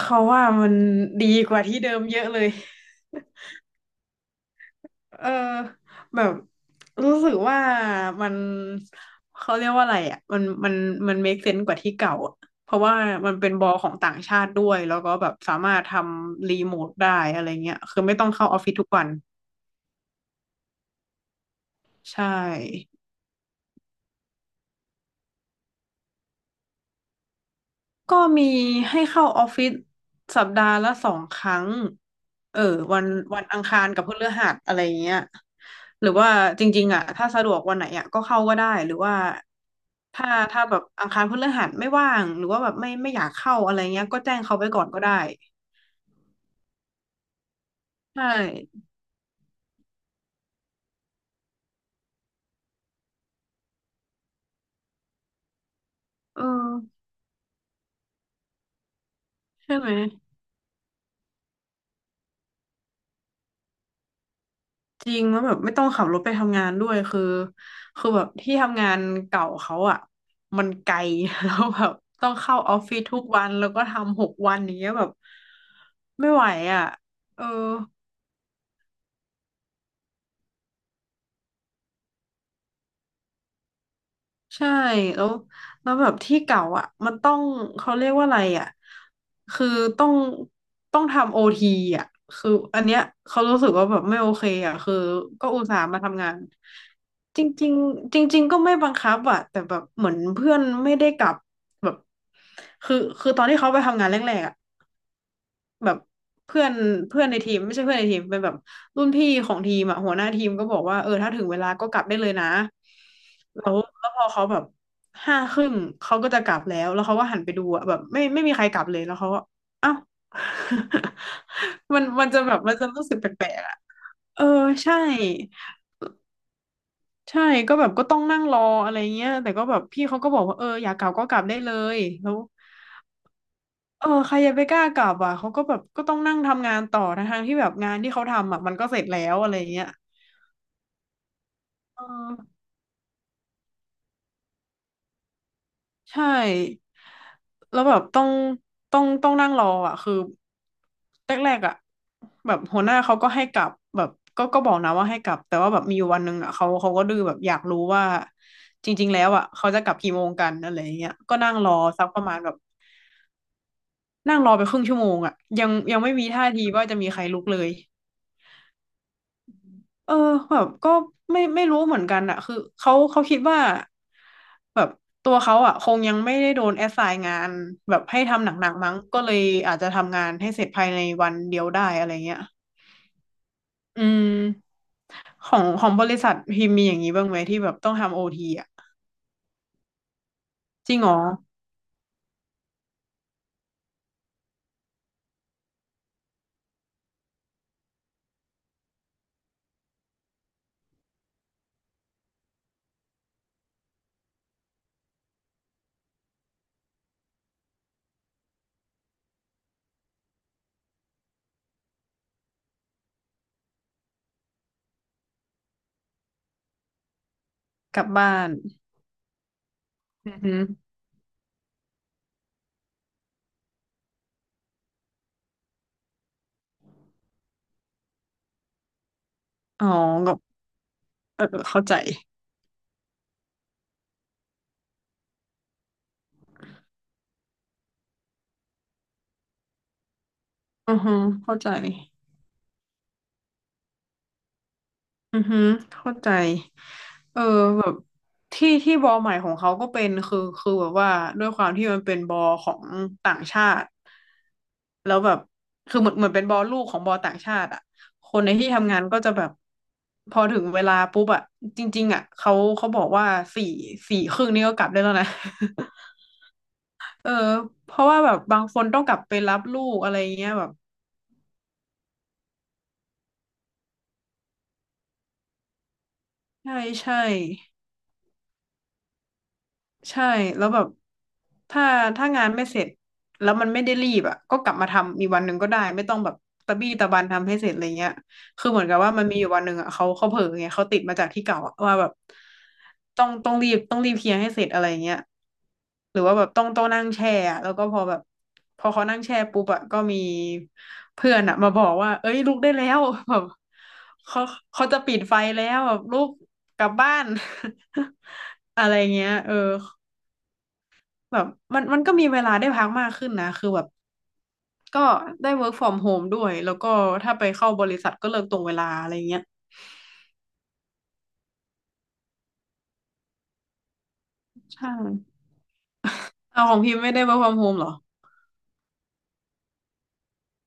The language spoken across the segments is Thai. เขาว่ามันดีกว่าที่เดิมเยอะเลยเออแบบรู้สึกว่ามันเขาเรียกว่าอะไรอ่ะมันเมคเซนส์กว่าที่เก่าอะเพราะว่ามันเป็นบอลของต่างชาติด้วยแล้วก็แบบสามารถทำรีโมทได้อะไรเงี้ยคือไม่ต้องเข้าออฟฟิศทุกวันใช่ ก็มีให้เข้าออฟฟิศสัปดาห์ละสองครั้งเออวันวันอังคารกับพฤหัสอะไรเงี้ยหรือว่าจริงๆอ่ะถ้าสะดวกวันไหนอ่ะก็เข้าก็ได้หรือว่าถ้าแบบอังคารพฤหัสไม่ว่างหรือว่าแบบไม่อยากเข้าอะไรเงี้ยก็แจ้งเขาไว้ก่อนก็ได้ใช่เออใช่ไหม จริงแล้วแบบไม่ต้องขับรถไปทำงานด้วยคือคือแบบที่ทำงานเก่าเขาอะมันไกล แล้วแบบต้องเข้าออฟฟิศทุกวันแล้วก็ทำหกวันอย่างเงี้ยแบบไม่ไหวอะเออ ใช่แล้วแล้วแบบที่เก่าอ่ะมันต้องเขาเรียกว่าอะไรอ่ะคือต้องต้องทำโอทีอ่ะคืออันเนี้ยเขารู้สึกว่าแบบไม่โอเคอ่ะคือก็อุตส่าห์มาทำงานจริงๆจริงๆก็ไม่บังคับอ่ะแต่แบบเหมือนเพื่อนไม่ได้กลับแบบคือคือตอนที่เขาไปทำงานแรกๆอ่ะ แบบเพื่อนเพื่อนในทีมไม่ใช่เพื่อนในทีมเป็นแบบรุ่นพี่ของทีมอ่ะหัวหน้าทีมก็บอกว่าเออถ้าถึงเวลาก็กลับได้เลยนะแล้วพอเขาแบบห้าครึ่งเขาก็จะกลับแล้วเขาก็หันไปดูอ่ะแบบไม่มีใครกลับเลยแล้วเขาก็เอ้า มันจะแบบมันจะรู้สึกแปลกๆอ่ะเออใช่ใช่ก็แบบก็ต้องนั่งรออะไรเงี้ยแต่ก็แบบพี่เขาก็บอกว่าเอออยากกลับก็กลับได้เลยแล้ว เออใครจะไปกล้ากลับอ่ะเขาก็แบบก็ต้องนั่งทำงานต่อทั้งๆที่แบบงานที่เขาทำอ่ะมันก็เสร็จแล้วอะไรเงี้ยเออใช่แล้วแบบต้องนั่งรออ่ะคือแรกๆอ่ะแบบหัวหน้าเขาก็ให้กลับแบบก็บอกนะว่าให้กลับแต่ว่าแบบมีอยู่วันหนึ่งอ่ะเขาก็ดื้อแบบอยากรู้ว่าจริงๆแล้วอ่ะเขาจะกลับกี่โมงกันอะไรเงี้ยก็นั่งรอสักประมาณแบบนั่งรอไปครึ่งชั่วโมงอ่ะยังไม่มีท่าทีว่าจะมีใครลุกเลย เออแบบก็ไม่รู้เหมือนกันอะคือเขาคิดว่าแบบตัวเขาอะคงยังไม่ได้โดนแอสไซน์งานแบบให้ทำหนักๆมั้งก็เลยอาจจะทำงานให้เสร็จภายในวันเดียวได้อะไรเงี้ยอืมของบริษัทพิมพ์มีอย่างนี้บ้างไหมที่แบบต้องทำโอทีอะจริงเหรอกลับบ้านอือฮึอ๋อก็เออเข้าใจอือฮึเข้าใจอือฮึเข้าใจ ที่ที่บอลใหม่ของเขาก็เป็นคือคือแบบว่าด้วยความที่มันเป็นบอลของต่างชาติแล้วแบบคือเหมือนเป็นบอลลูกของบอลต่างชาติอ่ะคนในที่ทำงานก็จะแบบพอถึงเวลาปุ๊บอ่ะจริงๆอ่ะเขาบอกว่าสี่สี่ครึ่งนี่ก็กลับได้แล้วนะ เออเพราะว่าแบบบางคนต้องกลับไปรับลูกอะไรเงี้ยแบบใใช่ ช่แล้วแบบถ้าถ้างานไม่เสร็จแล้วมันไม่ได้รีบอ่ะก็กลับมาทำอีกวันหนึ่งก็ได้ไม่ต้องแบบตะบี้ตะบันทำให้เสร็จอะไรเงี้ยคือเหมือนกับว่ามันมีอยู่วันหนึ่งอ่ะเขาเผลอไงเขาติดมาจากที่เก่าอะว่าแบบต้องรีบเคลียร์ให้เสร็จอะไรเงี้ยหรือว่าแบบต้องนั่งแช่อะแล้วก็พอแบบพอเขานั่งแช่ปุ๊บอ่ะก็มีเพื่อนอ่ะมาบอกว่าเอ้ยลุกได้แล้ว แบบเขาเขาจะปิดไฟแล้วแบบลุกกลับบ้าน อะไรเงี้ยเออ แบบมันก็มีเวลาได้พักมากขึ้นนะคือแบบก็ได้ work from home ด้วยแล้วก็ถ้าไปเข้าบริษัทก็เลิกตรงเวลาอะไรเงี้ยใช่เอาของพิมพ์ไม่ได้ work from home เหรอ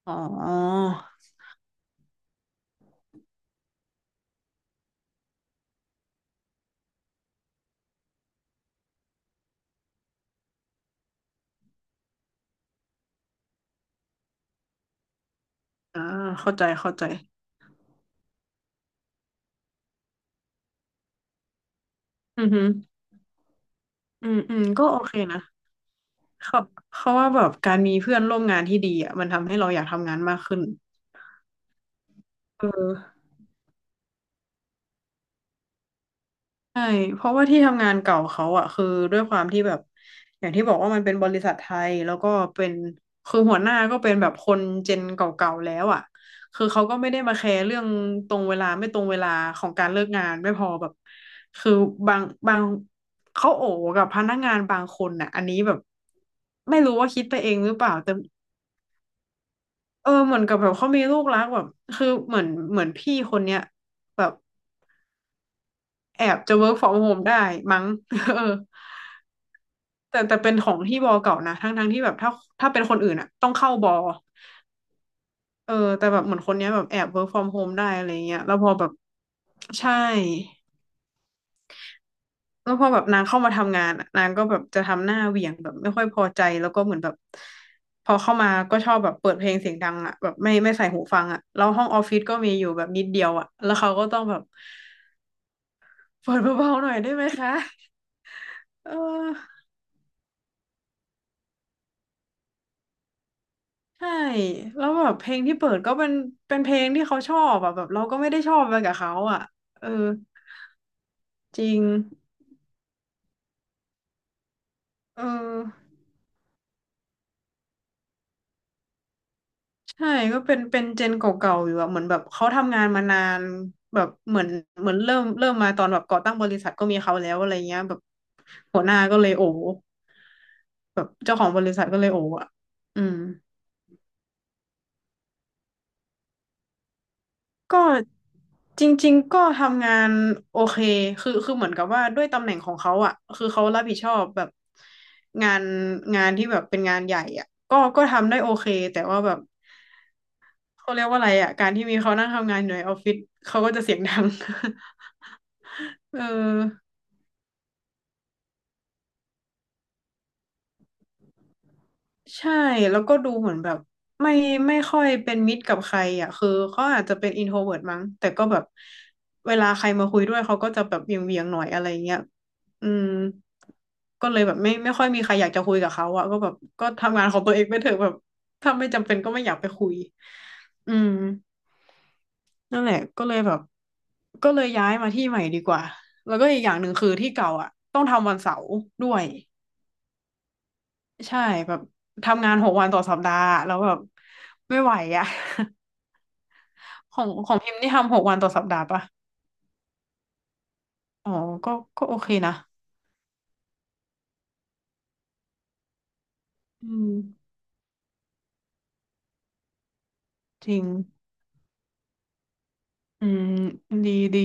อ๋ออ่าเข้าใจเข้าใจอือหืออืมอืมก็โอเคนะเขาว่าแบบการมีเพื่อนร่วมงานที่ดีอ่ะมันทำให้เราอยากทำงานมากขึ้นเออ ใช่เพราะว่าที่ทำงานเก่าเขาอะคือด้วยความที่แบบอย่างที่บอกว่ามันเป็นบริษัทไทยแล้วก็เป็นคือหัวหน้าก็เป็นแบบคนเจนเก่าๆแล้วอะคือเขาก็ไม่ได้มาแคร์เรื่องตรงเวลาไม่ตรงเวลาของการเลิกงานไม่พอแบบคือบางบางเขาโอ๋กับพนักงานบางคนน่ะอันนี้แบบไม่รู้ว่าคิดไปเองหรือเปล่าแต่เออเหมือนกับแบบเขามีลูกรักแบบคือเหมือนพี่คนเนี้ยแบบแอบจะ work from home ได้มั้ง เออ แต่เป็นของที่บอเก่านะทั้งที่แบบถ้าเป็นคนอื่นอะต้องเข้าบอเออแต่แบบเหมือนคนเนี้ยแบบแอบ work from home ได้อะไรเงี้ยแล้วพอแบบใช่แล้วพอแบบนางเข้ามาทำงานอะนางก็แบบจะทำหน้าเหวี่ยงแบบไม่ค่อยพอใจแล้วก็เหมือนแบบพอเข้ามาก็ชอบแบบเปิดเพลงเสียงดังอะแบบไม่ใส่หูฟังอะแล้วห้องออฟฟิศก็มีอยู่แบบนิดเดียวอะแล้วเขาก็ต้องแบบเปิดเบาๆหน่อยได้ไหมคะเออ ใช่แล้วแบบเพลงที่เปิดก็เป็นเพลงที่เขาชอบอะแบบเราก็ไม่ได้ชอบไปกับเขาอะเออจริงเออใช่ก็เป็นเจนเก่าๆอยู่อะเหมือนแบบเขาทำงานมานานแบบเหมือนเหมือนเริ่มมาตอนแบบก่อตั้งบริษัทก็มีเขาแล้วอะไรเงี้ยแบบหัวหน้าก็เลยโอ้แบบเจ้าของบริษัทก็เลยโอ้อะอืม ก็จริงๆก็ทำงานโอเคคือเหมือนกับว่าด้วยตำแหน่งของเขาอ่ะคือเขารับผิดชอบแบบงานงานที่แบบเป็นงานใหญ่อ่ะก็ทำได้โอเคแต่ว่าแบบเขาเรียกว่าอะไรอ่ะการที่มีเขานั่งทำงานอยู่ในออฟฟิศเขาก็จะเสียงดัง เออ ใช่แล้วก็ดูเหมือนแบบไม่ไม่ค่อยเป็นมิตรกับใครอ่ะคือเขาอาจจะเป็นอินโทรเวิร์ตมั้งแต่ก็แบบเวลาใครมาคุยด้วยเขาก็จะแบบเหวียงๆหน่อยอะไรเงี้ยอืมก็เลยแบบไม่ค่อยมีใครอยากจะคุยกับเขาอ่ะก็แบบก็ทำงานของตัวเองไปเถอะแบบถ้าไม่จำเป็นก็ไม่อยากไปคุยอืมนั่นแหละก็เลยแบบก็เลยย้ายมาที่ใหม่ดีกว่าแล้วก็อีกอย่างหนึ่งคือที่เก่าอ่ะต้องทำวันเสาร์ด้วย ใช่แบบทำงานหกวันต่อสัปดาห์แล้วแบบไม่ไหวอ่ะ ของพิมพ์นี่ทำ6 วันต่อสัปดาห์ปะอ๋อก็ก็โอเคนะอืมจริงอืมดีดี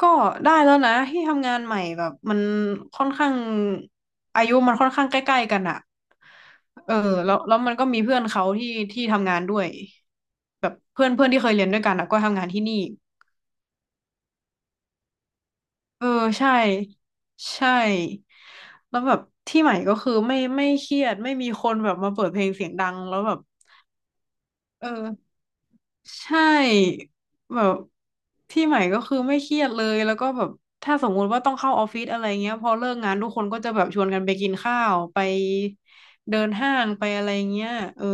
ก็ได้แล้วนะที่ทำงานใหม่แบบมันค่อนข้างอายุมันค่อนข้างใกล้ๆกันอ่ะเออแล้วมันก็มีเพื่อนเขาที่ทำงานด้วยแบบเพื่อนเพื่อนที่เคยเรียนด้วยกันอะก็ทำงานที่นี่ เออใช่ใช่แล้วแบบที่ใหม่ก็คือไม่เครียดไม่มีคนแบบมาเปิดเพลงเสียงดังแล้วแบบเออใช่แบบที่ใหม่ก็คือไม่เครียดเลยแล้วก็แบบถ้าสมมุติว่าต้องเข้าออฟฟิศอะไรเงี้ยพอเลิกงานทุกคนก็จะแบบชวนกันไปกินข้าวไปเดินห้างไปอะไรเงี้ยเออ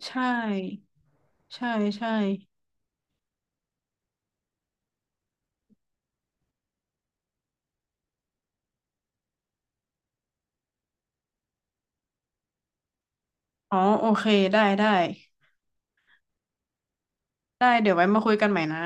ใช่ใช่ใช่อ๋อโอเคได้ได้เดี๋ยวไว้มาคุยกันใหม่นะ